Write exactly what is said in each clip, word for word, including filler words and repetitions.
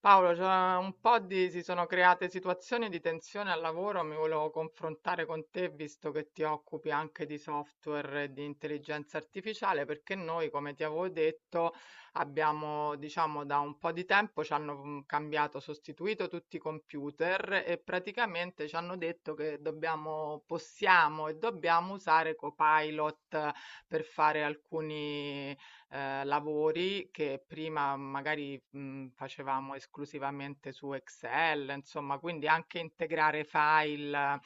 Paolo, c'è un po' di, si sono create situazioni di tensione al lavoro, mi volevo confrontare con te visto che ti occupi anche di software e di intelligenza artificiale, perché noi, come ti avevo detto, abbiamo, diciamo, da un po' di tempo ci hanno mm, cambiato, sostituito tutti i computer e praticamente ci hanno detto che dobbiamo, possiamo e dobbiamo usare Copilot per fare alcuni ehm, lavori che prima magari, mhmm, facevamo esclusivamente su Excel, insomma, quindi anche integrare file.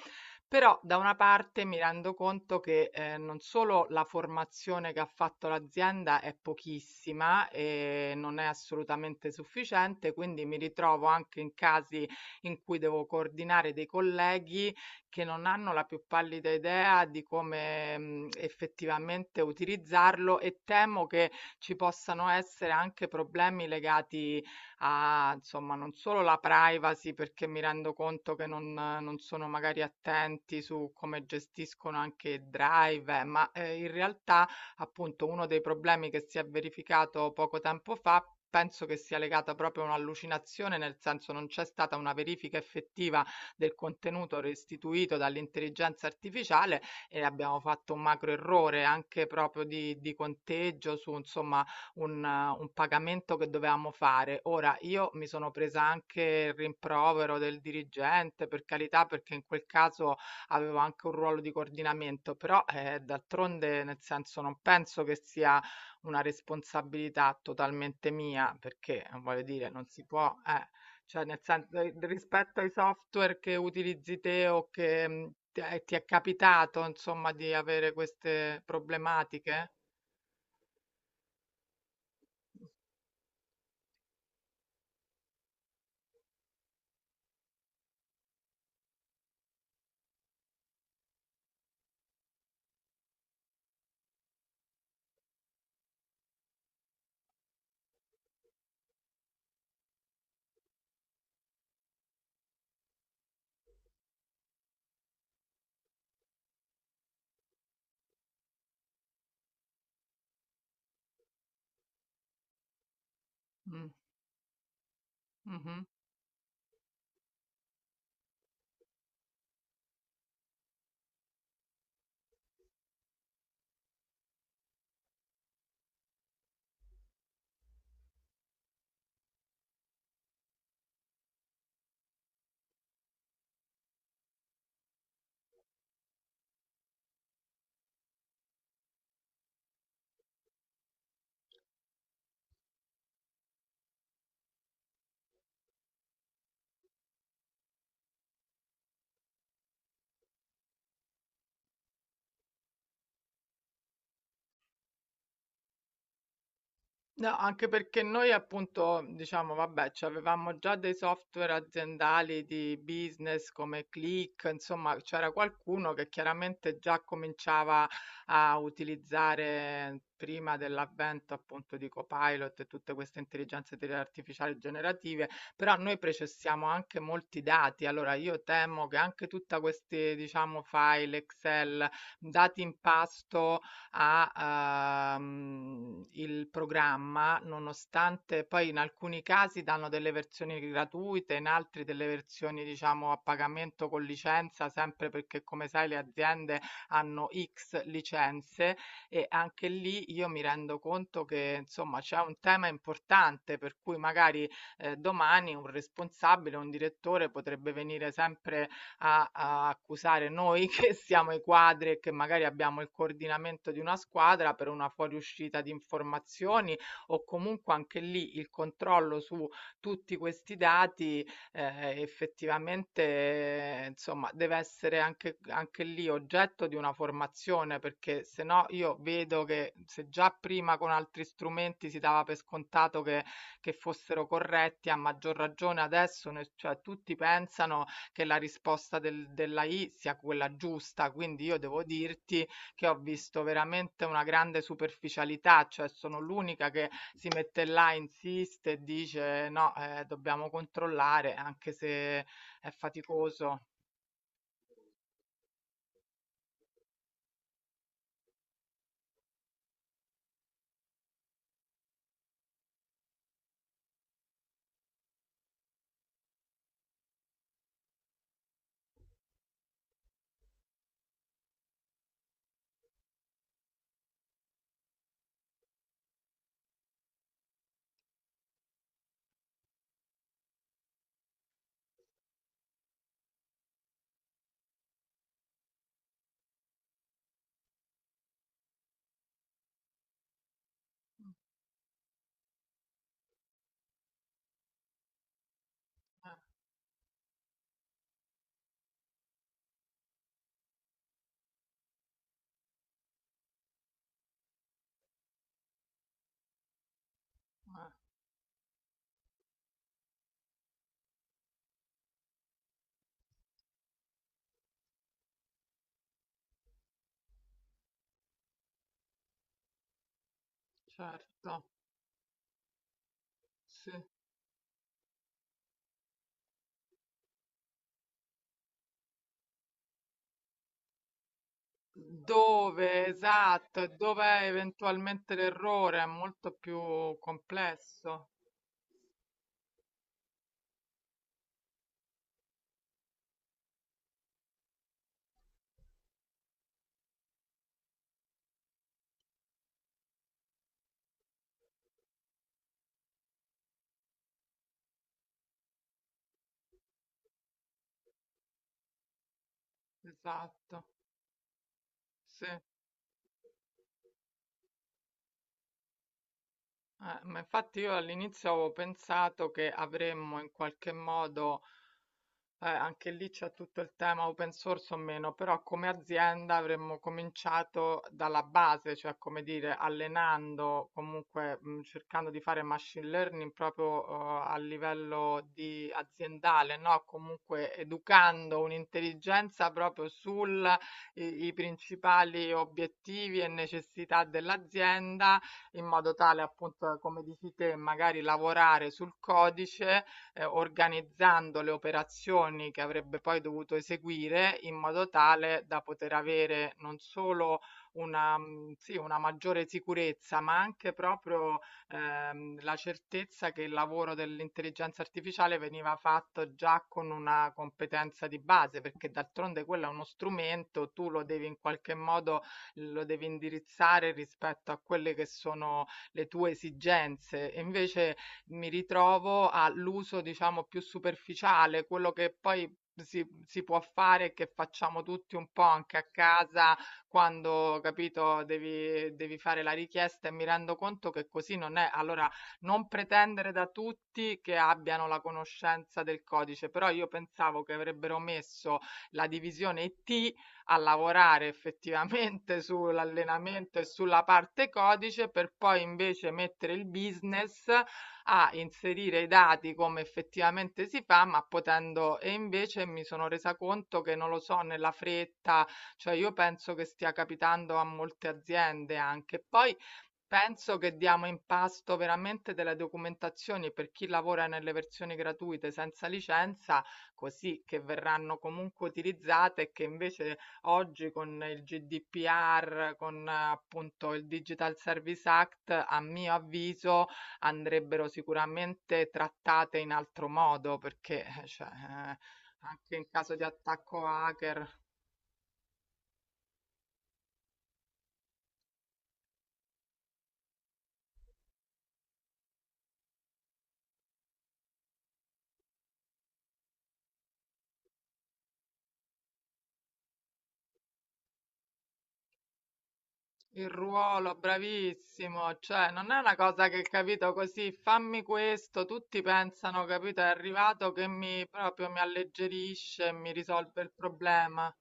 Però da una parte mi rendo conto che, ehm, non solo la formazione che ha fatto l'azienda è pochissima e non è assolutamente sufficiente, quindi mi ritrovo anche in casi in cui devo coordinare dei colleghi che non hanno la più pallida idea di come, mhmm, effettivamente utilizzarlo e temo che ci possano essere anche problemi legati a, insomma, non solo la privacy, perché mi rendo conto che non, non sono magari attenti su come gestiscono anche il drive, eh, ma eh, in realtà appunto uno dei problemi che si è verificato poco tempo fa penso che sia legata proprio a un'allucinazione, nel senso non c'è stata una verifica effettiva del contenuto restituito dall'intelligenza artificiale e abbiamo fatto un macro errore anche proprio di, di conteggio su insomma un, uh, un pagamento che dovevamo fare. Ora io mi sono presa anche il rimprovero del dirigente, per carità, perché in quel caso avevo anche un ruolo di coordinamento, però eh, d'altronde nel senso non penso che sia una responsabilità totalmente mia, perché eh, voglio dire, non si può, eh, cioè nel sen ri rispetto ai software che utilizzi te o che, mhmm, ti è ti è capitato insomma di avere queste problematiche? Mh, mh-mh. No, anche perché noi appunto, diciamo, vabbè, cioè, avevamo già dei software aziendali di business come Click, insomma, c'era qualcuno che chiaramente già cominciava a utilizzare prima dell'avvento appunto di Copilot e tutte queste intelligenze te- artificiali generative, però noi processiamo anche molti dati, allora io temo che anche tutta questi, diciamo, file Excel, dati in pasto a, uhm, il programma, nonostante poi in alcuni casi danno delle versioni gratuite, in altri delle versioni diciamo a pagamento con licenza, sempre perché come sai le aziende hanno X licenze e anche lì io mi rendo conto che insomma c'è un tema importante per cui magari, ehm, domani un responsabile, un direttore potrebbe venire sempre a a accusare noi che siamo i quadri e che magari abbiamo il coordinamento di una squadra per una fuoriuscita di informazioni o comunque anche lì il controllo su tutti questi dati eh, effettivamente eh, insomma deve essere anche, anche lì oggetto di una formazione perché se no io vedo che se già prima con altri strumenti si dava per scontato che, che fossero corretti a maggior ragione adesso ne- cioè, tutti pensano che la risposta del- dell'A I sia quella giusta, quindi io devo dirti che ho visto veramente una grande superficialità, cioè sono l'unica che si mette là, insiste e dice no, eh, dobbiamo controllare, anche se è faticoso. Eh, eh, certo, sì. Dove, esatto, e dove è eventualmente l'errore, è molto più complesso. Esatto, sì. Eh, ma infatti io all'inizio avevo pensato che avremmo in qualche modo eh, anche lì c'è tutto il tema open source o meno, però come azienda avremmo cominciato dalla base, cioè come dire, allenando, comunque mh, cercando di fare machine learning proprio eh, a livello di aziendale, no? Comunque educando un'intelligenza proprio sui i principali obiettivi e necessità dell'azienda, in modo tale appunto, come dici te, magari lavorare sul codice eh, organizzando le operazioni che avrebbe poi dovuto eseguire in modo tale da poter avere non solo una, mm, sì, una maggiore sicurezza, ma anche proprio ehm, la certezza che il lavoro dell'intelligenza artificiale veniva fatto già con una competenza di base, perché d'altronde quello è uno strumento, tu lo devi in qualche modo lo devi indirizzare rispetto a quelle che sono le tue esigenze. E invece mi ritrovo all'uso, diciamo, più superficiale, quello che poi si, si può fare e che facciamo tutti un po' anche a casa quando, capito, devi, devi fare la richiesta e mi rendo conto che così non è. Allora, non pretendere da tutti che abbiano la conoscenza del codice, però io pensavo che avrebbero messo la divisione I T a lavorare effettivamente sull'allenamento e sulla parte codice per poi invece mettere il business a inserire i dati come effettivamente si fa, ma potendo e invece mi sono resa conto che non lo so, nella fretta, cioè io penso che stia capitando a molte aziende anche. Poi penso che diamo in pasto veramente delle documentazioni per chi lavora nelle versioni gratuite senza licenza, così che verranno comunque utilizzate e che invece oggi con il G D P R, con eh, appunto il Digital Service Act, a mio avviso andrebbero sicuramente trattate in altro modo perché, eh, cioè, eh, anche in caso di attacco hacker, il ruolo, bravissimo, cioè non è una cosa che capito così, fammi questo, tutti pensano, capito, è arrivato che mi proprio mi alleggerisce e mi risolve il problema.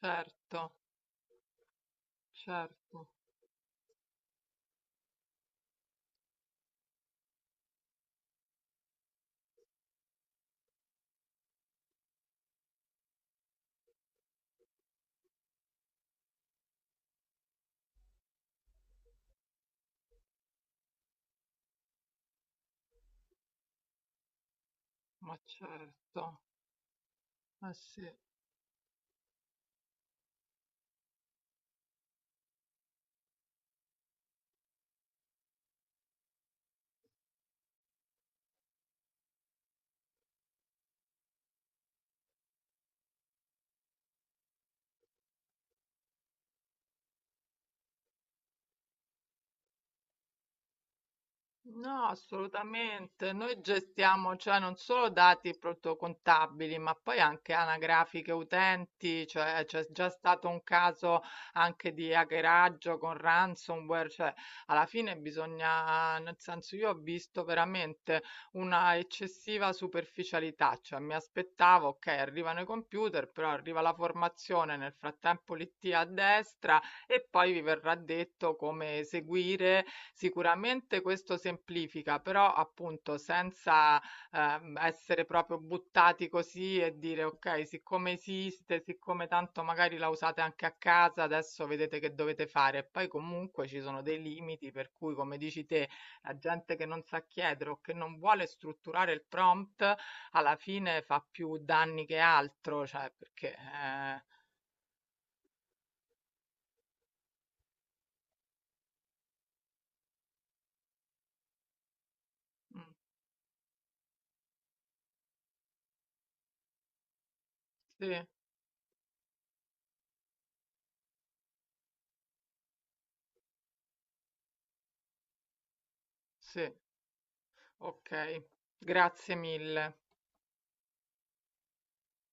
Certo, certo, ma certo, ma sì. No, assolutamente. Noi gestiamo, cioè, non solo dati protocontabili, ma poi anche anagrafiche utenti, cioè c'è già stato un caso anche di hackeraggio con ransomware, cioè alla fine bisogna, nel senso io ho visto veramente una eccessiva superficialità, cioè mi aspettavo, ok, arrivano i computer, però arriva la formazione, nel frattempo l'I T a destra e poi vi verrà detto come eseguire. Sicuramente questo semplifica, però appunto senza ehm, essere proprio buttati così e dire ok, siccome esiste, siccome tanto magari la usate anche a casa, adesso vedete che dovete fare. E poi comunque ci sono dei limiti per cui, come dici te, la gente che non sa chiedere o che non vuole strutturare il prompt, alla fine fa più danni che altro, cioè perché... eh, mm, sì, sì. Okay, grazie mille.